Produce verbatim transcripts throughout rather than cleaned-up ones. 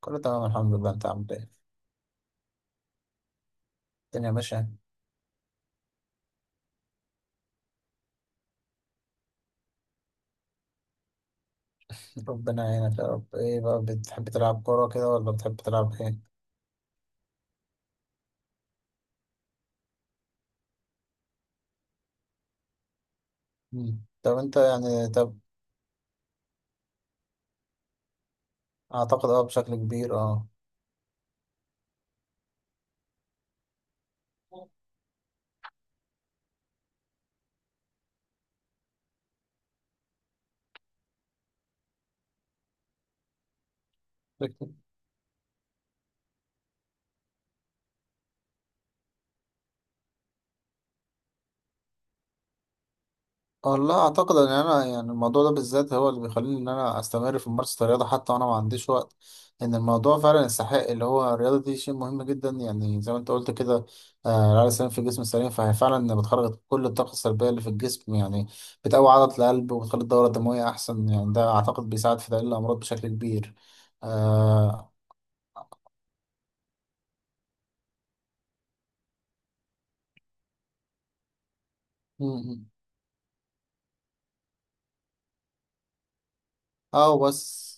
كله تمام، الحمد لله. انت عامل ايه؟ الدنيا ماشية. ربنا يعينك يا رب. ايه بقى، بتحب تلعب كورة كده ولا بتحب تلعب ايه؟ مم. طب انت يعني طب اعتقد اه بشكل كبير. اه والله اعتقد ان انا يعني الموضوع ده بالذات هو اللي بيخليني ان انا استمر في ممارسه الرياضه حتى وانا ما عنديش وقت. ان الموضوع فعلا يستحق، اللي هو الرياضه دي شيء مهم جدا، يعني زي ما انت قلت كده. آه، العقل السليم في الجسم السليم، فهي فعلا بتخرج كل الطاقه السلبيه اللي في الجسم يعني. بتقوي عضله القلب وبتخلي الدوره الدمويه احسن، يعني ده اعتقد بيساعد في تقليل الامراض بشكل كبير. آه. اه بس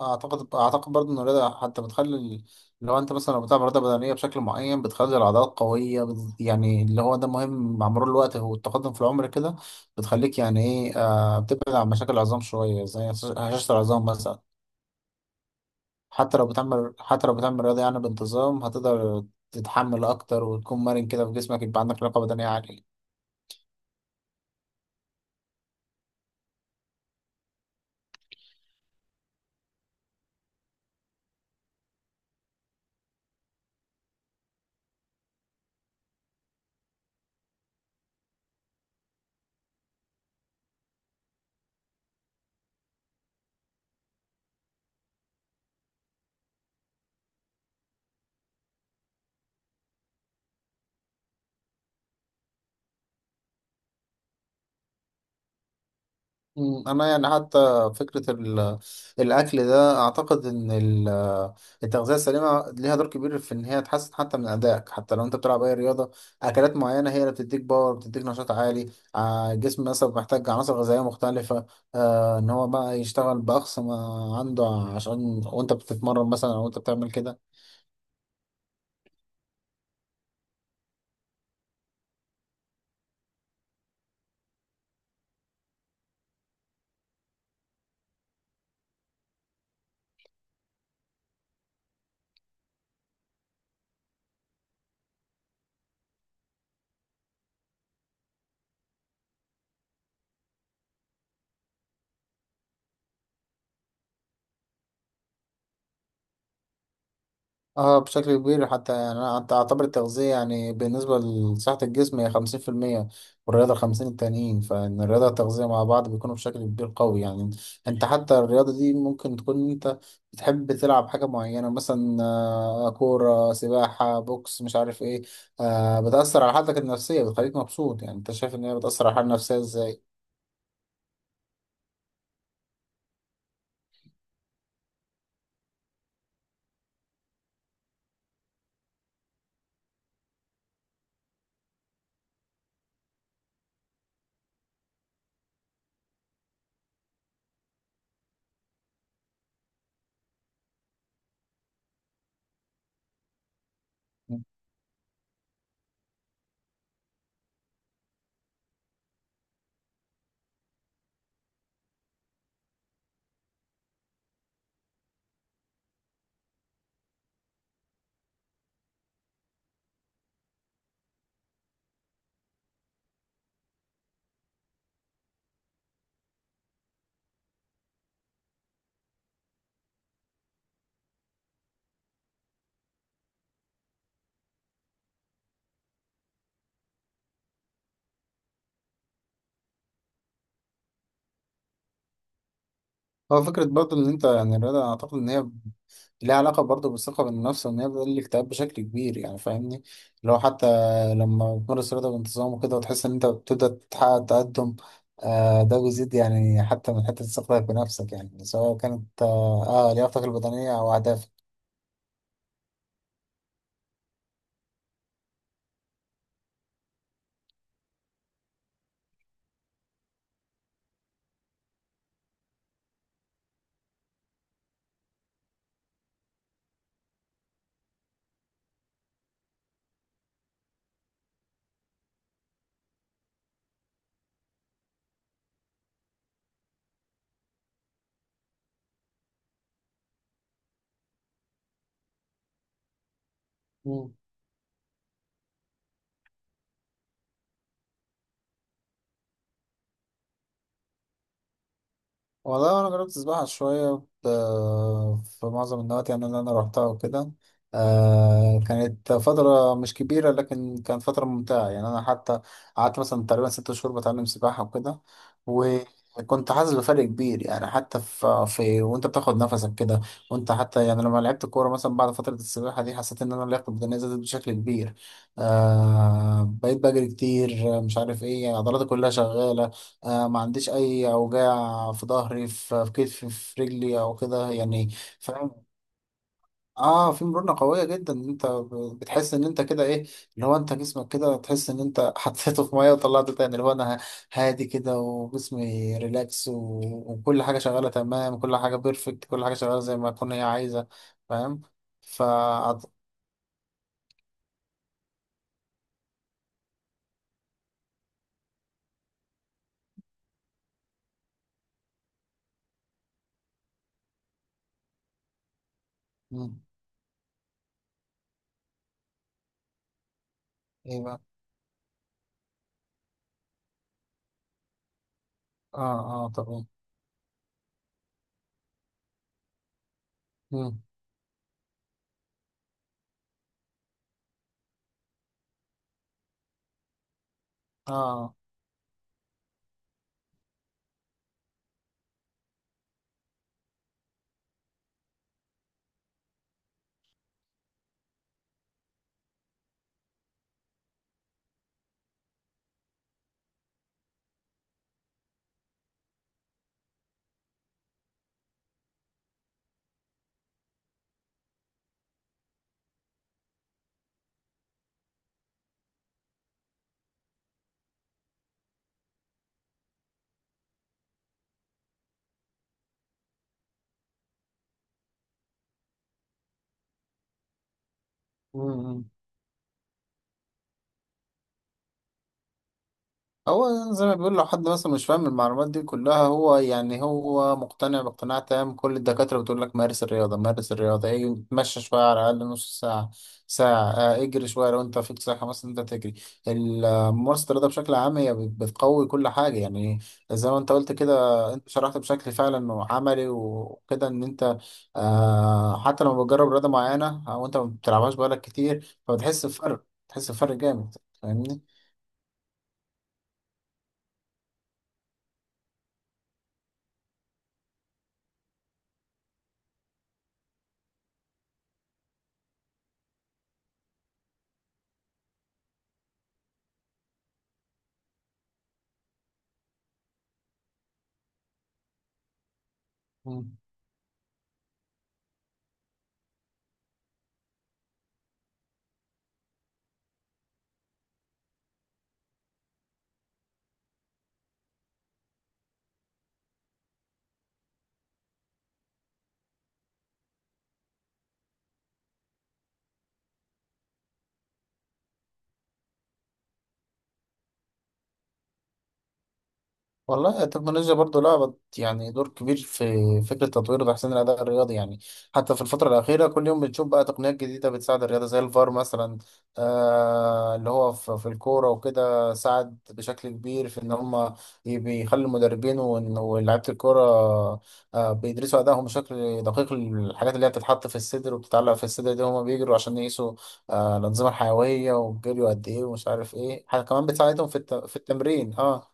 اعتقد اعتقد برضه ان الرياضه حتى بتخلي ال- لو انت مثلا لو بتلعب رياضه بدنيه بشكل معين بتخلي العضلات قويه بت- يعني اللي هو ده مهم مع مرور الوقت والتقدم في العمر كده. بتخليك يعني ايه، آه، بتبعد عن مشاكل العظام شويه زي هش- هشاشه العظام مثلا. حتى لو بتعمل حتى لو بتعمل رياضه يعني بانتظام، هتقدر تتحمل اكتر وتكون مرن كده في جسمك، يبقى عندك لياقه بدنيه عاليه. مم، انا يعني حتى فكره ال- الاكل ده اعتقد ان ال- التغذيه السليمه ليها دور كبير في ان هي تحسن حتى من ادائك، حتى لو انت بتلعب اي رياضه. اكلات معينه هي اللي بتديك باور، بتديك نشاط عالي. ع- الجسم مثلا محتاج عناصر غذائيه مختلفه، آه، ان هو بقى يشتغل باقصى ما عنده، عشان وانت بتتمرن مثلا او انت بتعمل كده. اه بشكل كبير. حتى يعني انا أعت- اعتبر التغذية يعني بالنسبة لصحة الجسم هي خمسين في المية، والرياضة خمسين التانيين، فإن الرياضة والتغذية مع بعض بيكونوا بشكل كبير قوي يعني. انت حتى الرياضة دي ممكن تكون انت بتحب تلعب حاجة معينة، مثلا آه، كورة، سباحة، بوكس، مش عارف ايه، آه، بتأثر على حالتك النفسية، بتخليك مبسوط. يعني انت شايف ان هي بتأثر على الحالة النفسية ازاي؟ هو فكرة برضه إن أنت يعني الرياضة أنا أعتقد إن هي ليه علاقة برضه بالثقة بالنفس، إن هي بتقلل الاكتئاب بشكل كبير يعني، فاهمني؟ لو حتى لما بتمارس رياضة بانتظام وكده وتحس إن أنت بتبدأ تحقق تقدم، آه، ده بيزيد يعني حتى من حتة ثقتك بنفسك، يعني سواء كانت آه آه، لياقتك البدنية أو أهدافك. والله انا جربت السباحه شويه، ب- في معظم النوادي يعني اللي انا روحتها وكده. آه، كانت فتره مش كبيره لكن كانت فتره ممتعه، يعني انا حتى قعدت مثلا تقريبا ست شهور بتعلم سباحه وكده. وكنت حاسس بفرق كبير، يعني حتى في, في وانت بتاخد نفسك كده. وانت حتى يعني لما لعبت كوره مثلا بعد فتره السباحه دي، حسيت ان انا لياقتي البدنيه زادت بشكل كبير. آه، بقيت بجري كتير مش عارف ايه، يعني عضلاتي كلها شغاله، آه، ما عنديش اي اوجاع في ظهري في في كتفي في رجلي او كده يعني. فاهم. اه، في مرونة قوية جدا، إن انت ب- بتحس ان انت كده ايه، اللي هو انت جسمك كده تحس ان انت حطيته في مية وطلعته تاني، اللي هو انا هادي كده وجسمي ريلاكس و... وكل حاجة شغالة تمام، كل حاجة بيرفكت، كل حاجة شغالة زي ما تكون هي عايزة. فاهم. ف مم. ايه بقى. اه اه طبعا. مم. اه آه. مم. هو زي ما بيقول، لو حد مثلا مش فاهم المعلومات دي كلها، هو يعني هو مقتنع باقتناع تام. كل الدكاترة بتقول لك مارس الرياضة، مارس الرياضة ايه، اتمشى شوية على الأقل نص ساعة، ساعة، آه اجري شوية لو انت فيك صحة، مثلا انت تجري. ال- آه، ممارسة الرياضة بشكل عام هي بت- بتقوي كل حاجة يعني، زي ما انت قلت كده. انت شرحت بشكل فعلا عملي وكده ان انت آه حتى لما بتجرب رياضة معينة او انت ما بتلعبهاش بقالك كتير، فبتحس بفرق بتحس بفرق جامد، فاهمني؟ والله التكنولوجيا برضو لعبت يعني دور كبير في فكرة تطوير وتحسين الأداء الرياضي يعني. حتى في الفترة الأخيرة كل يوم بنشوف بقى تقنيات جديدة بتساعد الرياضة زي الفار مثلا، آه اللي هو في, في الكورة وكده، ساعد بشكل كبير في إن هم ي- بيخلي المدربين وإن- ولاعيبة الكورة آه بيدرسوا أدائهم بشكل دقيق. الحاجات اللي هي بتتحط في الصدر وبتتعلق في الصدر دي، هم بيجروا عشان يقيسوا آه الأنظمة الحيوية والجري قد إيه ومش عارف إيه، حاجة كمان بتساعدهم في الت... في التمرين. اه،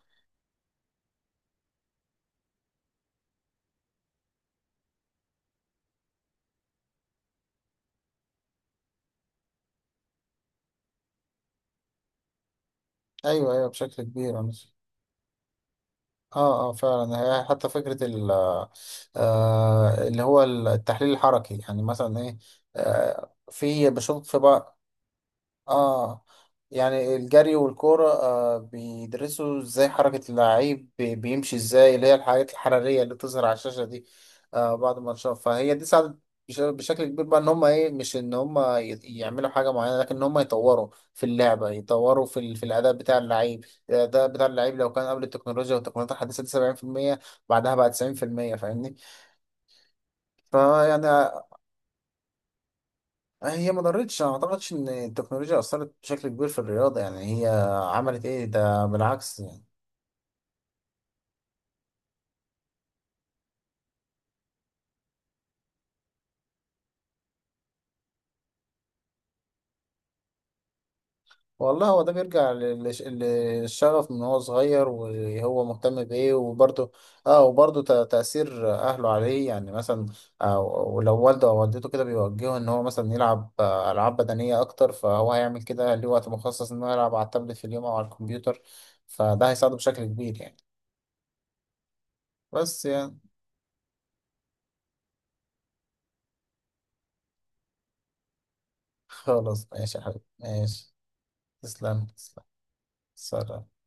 ايوه ايوه بشكل كبير. انا س- اه اه فعلا، هي حتى فكره ال آه اللي هو التحليل الحركي، يعني مثلا ايه، آه في بشوف في بعض. اه، يعني الجري والكورة آه بيدرسوا ازاي حركة اللعيب بي- بيمشي ازاي، اللي هي الحاجات الحرارية اللي بتظهر على الشاشة دي، آه بعد ما نشوف. فهي دي ساعدت بش- بشكل كبير بقى، ان هم ايه، مش ان هم ي- يعملوا حاجة معينة، لكن ان هم يطوروا في اللعبة، يطوروا في, ال... في الأداء بتاع اللعيب. الأداء بتاع اللعيب لو كان قبل التكنولوجيا والتقنيات الحديثة دي سبعين في المية، بعدها بقى تسعين في المية، فاهمني؟ فيعني هي ما ضرتش. أنا ما اعتقدش ان التكنولوجيا اثرت بشكل كبير في الرياضه يعني، هي عملت ايه، ده بالعكس يعني. والله هو ده بيرجع للش- للشغف، من هو صغير وهو مهتم بايه، وبرده اه وبرده تاثير اهله عليه، يعني مثلا آه، ولو والده او والدته كده بيوجهه ان هو مثلا يلعب آه، العاب بدنيه اكتر، فهو هيعمل كده. ليه وقت مخصص انه يلعب على التابلت في اليوم او على الكمبيوتر، فده هيساعده بشكل كبير يعني. بس يعني خلاص ماشي يا حبيبي، ماشي. تسلم. سلام.